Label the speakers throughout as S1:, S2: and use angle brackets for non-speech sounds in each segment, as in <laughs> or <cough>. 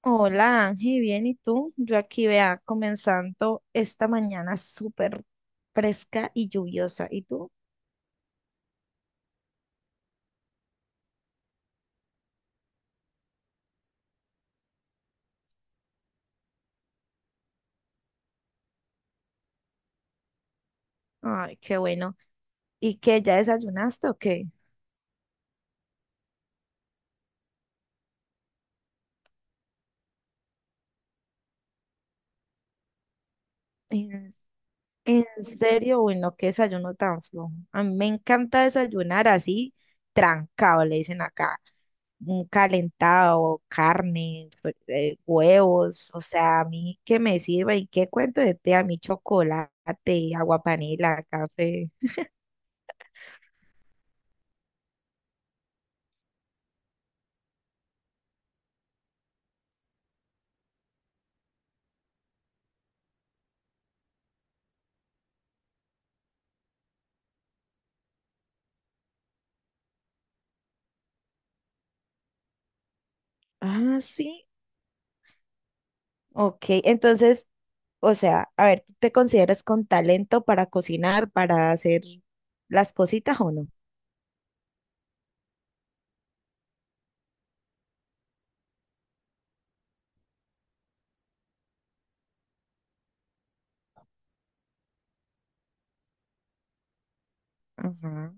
S1: Hola Ángel, bien, ¿y tú? Yo aquí vea, comenzando esta mañana súper fresca y lluviosa. ¿Y tú? Ay, qué bueno. ¿Y qué ya desayunaste o qué? En, en serio, bueno, qué desayuno tan flojo. A mí me encanta desayunar así, trancado, le dicen acá. Un calentado, carne, huevos, o sea, a mí que me sirva y qué cuento de té, a mí chocolate, agua panela, café. Ah, sí. Ok, entonces, o sea, a ver, ¿tú te consideras con talento para cocinar, para hacer las cositas o no? Ajá.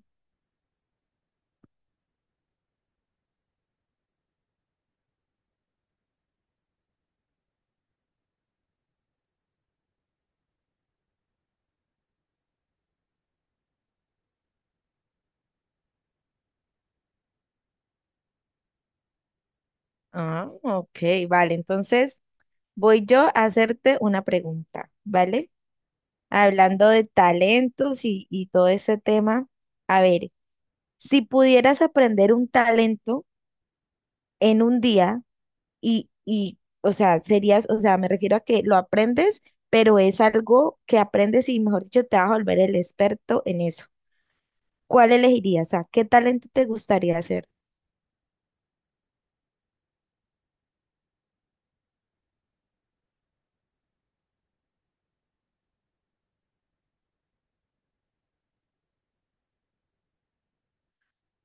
S1: Ah, ok, vale. Entonces, voy yo a hacerte una pregunta, ¿vale? Hablando de talentos y todo ese tema, a ver, si pudieras aprender un talento en un día o sea, serías, o sea, me refiero a que lo aprendes, pero es algo que aprendes y, mejor dicho, te vas a volver el experto en eso. ¿Cuál elegirías? O sea, ¿qué talento te gustaría ser?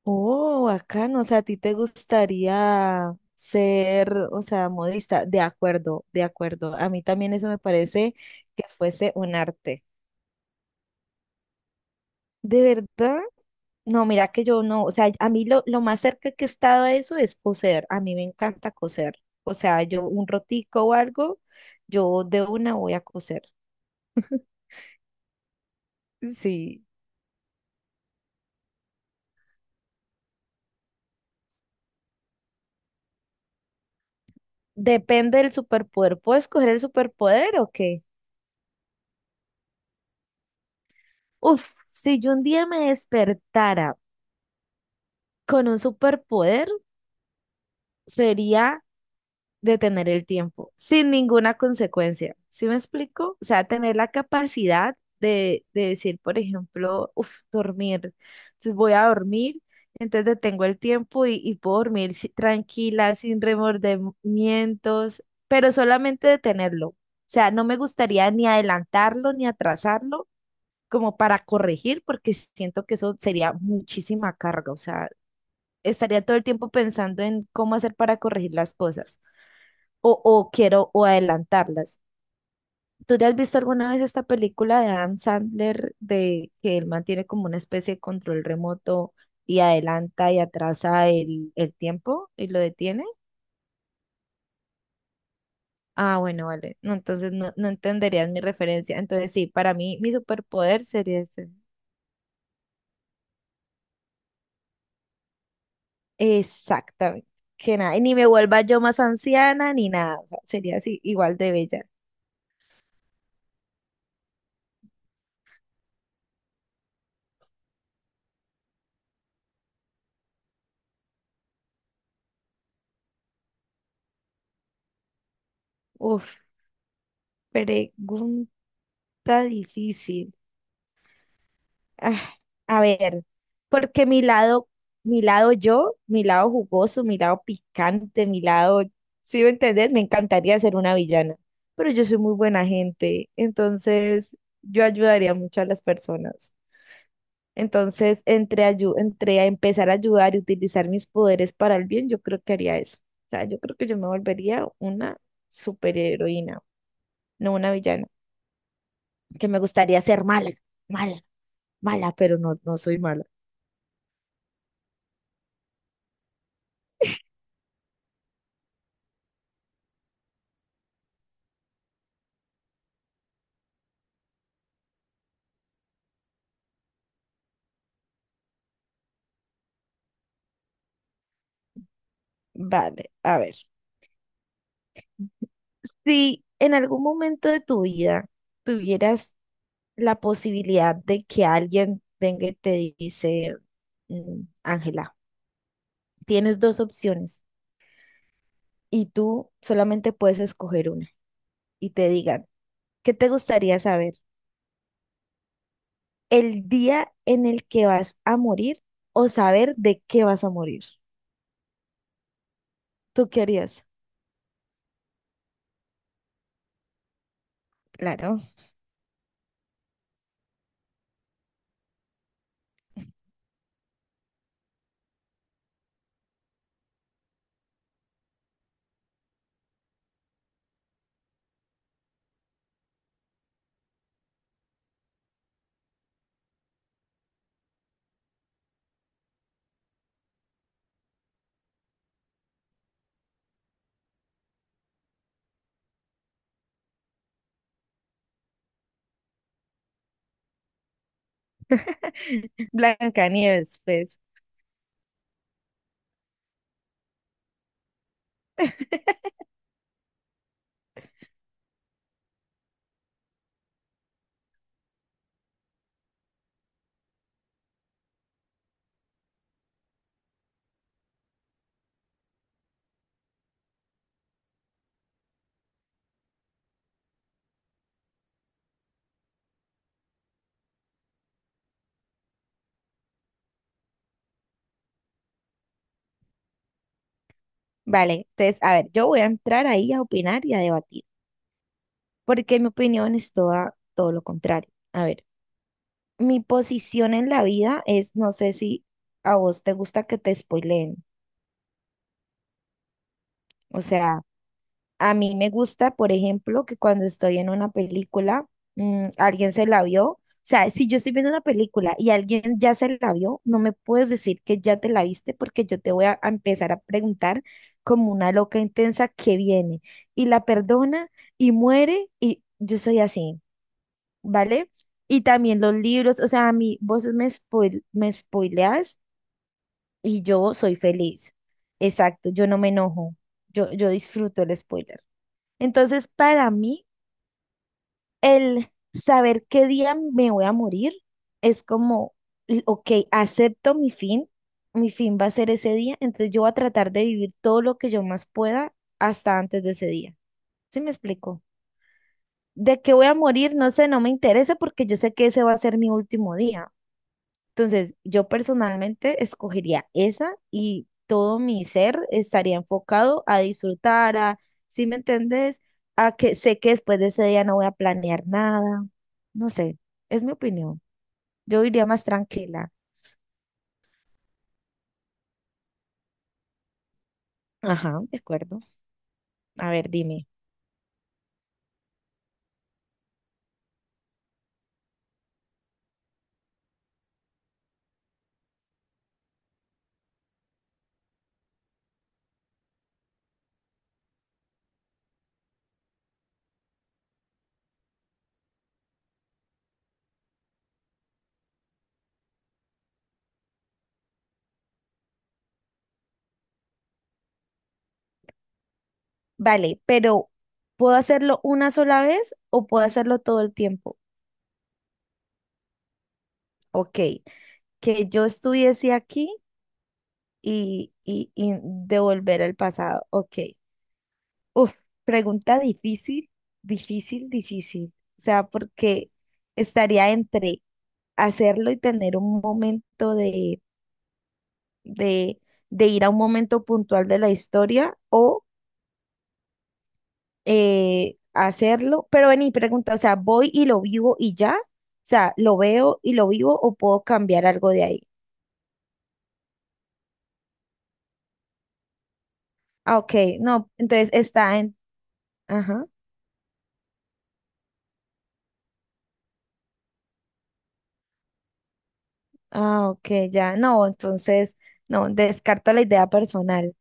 S1: Oh, acá no, o sea, ¿a ti te gustaría ser, o sea, modista? De acuerdo, de acuerdo. A mí también eso me parece que fuese un arte. ¿De verdad? No, mira que yo no, o sea, a mí lo más cerca que he estado a eso es coser. A mí me encanta coser. O sea, yo un rotico o algo, yo de una voy a coser. <laughs> Sí. Depende del superpoder. ¿Puedo escoger el superpoder o qué? Uf, si yo un día me despertara con un superpoder, sería detener el tiempo, sin ninguna consecuencia. ¿Sí me explico? O sea, tener la capacidad de decir, por ejemplo, uf, dormir. Entonces voy a dormir, entonces detengo el tiempo y puedo dormir tranquila, sin remordimientos, pero solamente detenerlo. O sea, no me gustaría ni adelantarlo ni atrasarlo como para corregir, porque siento que eso sería muchísima carga, o sea, estaría todo el tiempo pensando en cómo hacer para corregir las cosas o quiero o adelantarlas. ¿Tú te has visto alguna vez esta película de Adam Sandler de que él mantiene como una especie de control remoto y adelanta y atrasa el tiempo y lo detiene? Ah, bueno, vale. No, entonces no, no entenderías mi referencia. Entonces sí, para mí mi superpoder sería ese. Exactamente. Que nada, y ni me vuelva yo más anciana ni nada. O sea, sería así, igual de bella. Uf, pregunta difícil. Ah, a ver, porque mi lado yo, mi lado jugoso, mi lado picante, mi lado, si me entendés, me encantaría ser una villana. Pero yo soy muy buena gente, entonces yo ayudaría mucho a las personas. Entonces, entre a empezar a ayudar y utilizar mis poderes para el bien, yo creo que haría eso. O sea, yo creo que yo me volvería una superheroína, no una villana, que me gustaría ser mala, mala, mala, pero no, no soy mala. Vale, a ver. Si en algún momento de tu vida tuvieras la posibilidad de que alguien venga y te dice, Ángela, tienes dos opciones y tú solamente puedes escoger una y te digan, ¿qué te gustaría saber? ¿El día en el que vas a morir o saber de qué vas a morir? ¿Tú qué harías? Claro. <laughs> Blancanieves, pues. Vale, entonces, a ver, yo voy a entrar ahí a opinar y a debatir, porque mi opinión es toda, todo lo contrario. A ver, mi posición en la vida es, no sé si a vos te gusta que te spoileen, o sea... A mí me gusta, por ejemplo, que cuando estoy en una película, alguien se la vio. O sea, si yo estoy viendo una película y alguien ya se la vio, no me puedes decir que ya te la viste porque yo te voy a empezar a preguntar como una loca intensa que viene y la perdona y muere y yo soy así, ¿vale? Y también los libros, o sea, a mí vos me, spoil, me spoileas y yo soy feliz. Exacto, yo no me enojo, yo disfruto el spoiler. Entonces, para mí, el saber qué día me voy a morir es como, ok, acepto mi fin va a ser ese día, entonces yo voy a tratar de vivir todo lo que yo más pueda hasta antes de ese día. ¿Sí me explico? De qué voy a morir, no sé, no me interesa porque yo sé que ese va a ser mi último día. Entonces, yo personalmente escogería esa y todo mi ser estaría enfocado a disfrutar, a, ¿si me entendés? A que sé que después de ese día no voy a planear nada. No sé, es mi opinión. Yo iría más tranquila. Ajá, de acuerdo. A ver, dime. Vale, pero ¿puedo hacerlo una sola vez o puedo hacerlo todo el tiempo? Ok, que yo estuviese aquí y devolver el pasado. Ok. Uf, pregunta difícil, difícil, difícil. O sea, porque estaría entre hacerlo y tener un momento de, de ir a un momento puntual de la historia o hacerlo. Pero vení, pregunta, o sea, ¿voy y lo vivo y ya? O sea, ¿lo veo y lo vivo o puedo cambiar algo de ahí? Ah, ok, no, entonces está en... Ajá, ah, ok, ya, no, entonces, no, descarto la idea personal.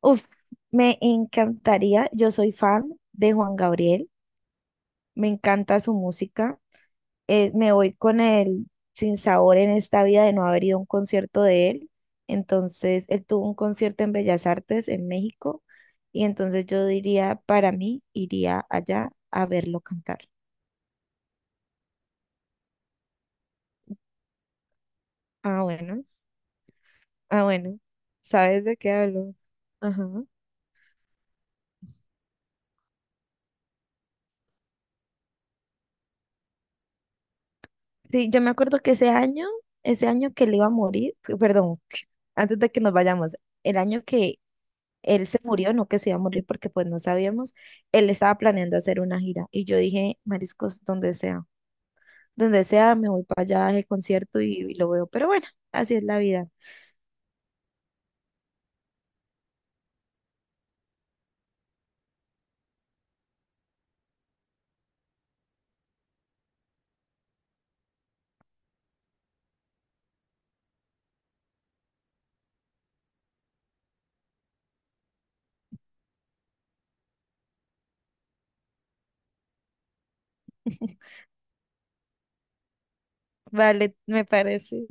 S1: Uf, me encantaría. Yo soy fan de Juan Gabriel. Me encanta su música. Me voy con el sinsabor en esta vida de no haber ido a un concierto de él. Entonces, él tuvo un concierto en Bellas Artes en México. Y entonces yo diría, para mí, iría allá a verlo cantar. Ah, bueno. Ah, bueno. ¿Sabes de qué hablo? Ajá. Sí, yo me acuerdo que ese año que él iba a morir, que- perdón, que- antes de que nos vayamos, el año que él se murió, no que se iba a morir porque pues no sabíamos, él estaba planeando hacer una gira y yo dije, mariscos, donde sea, me voy para allá a concierto y lo veo, pero bueno, así es la vida. <laughs> Vale, me parece.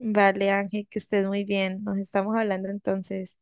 S1: Vale, Ángel, que estés muy bien. Nos estamos hablando entonces.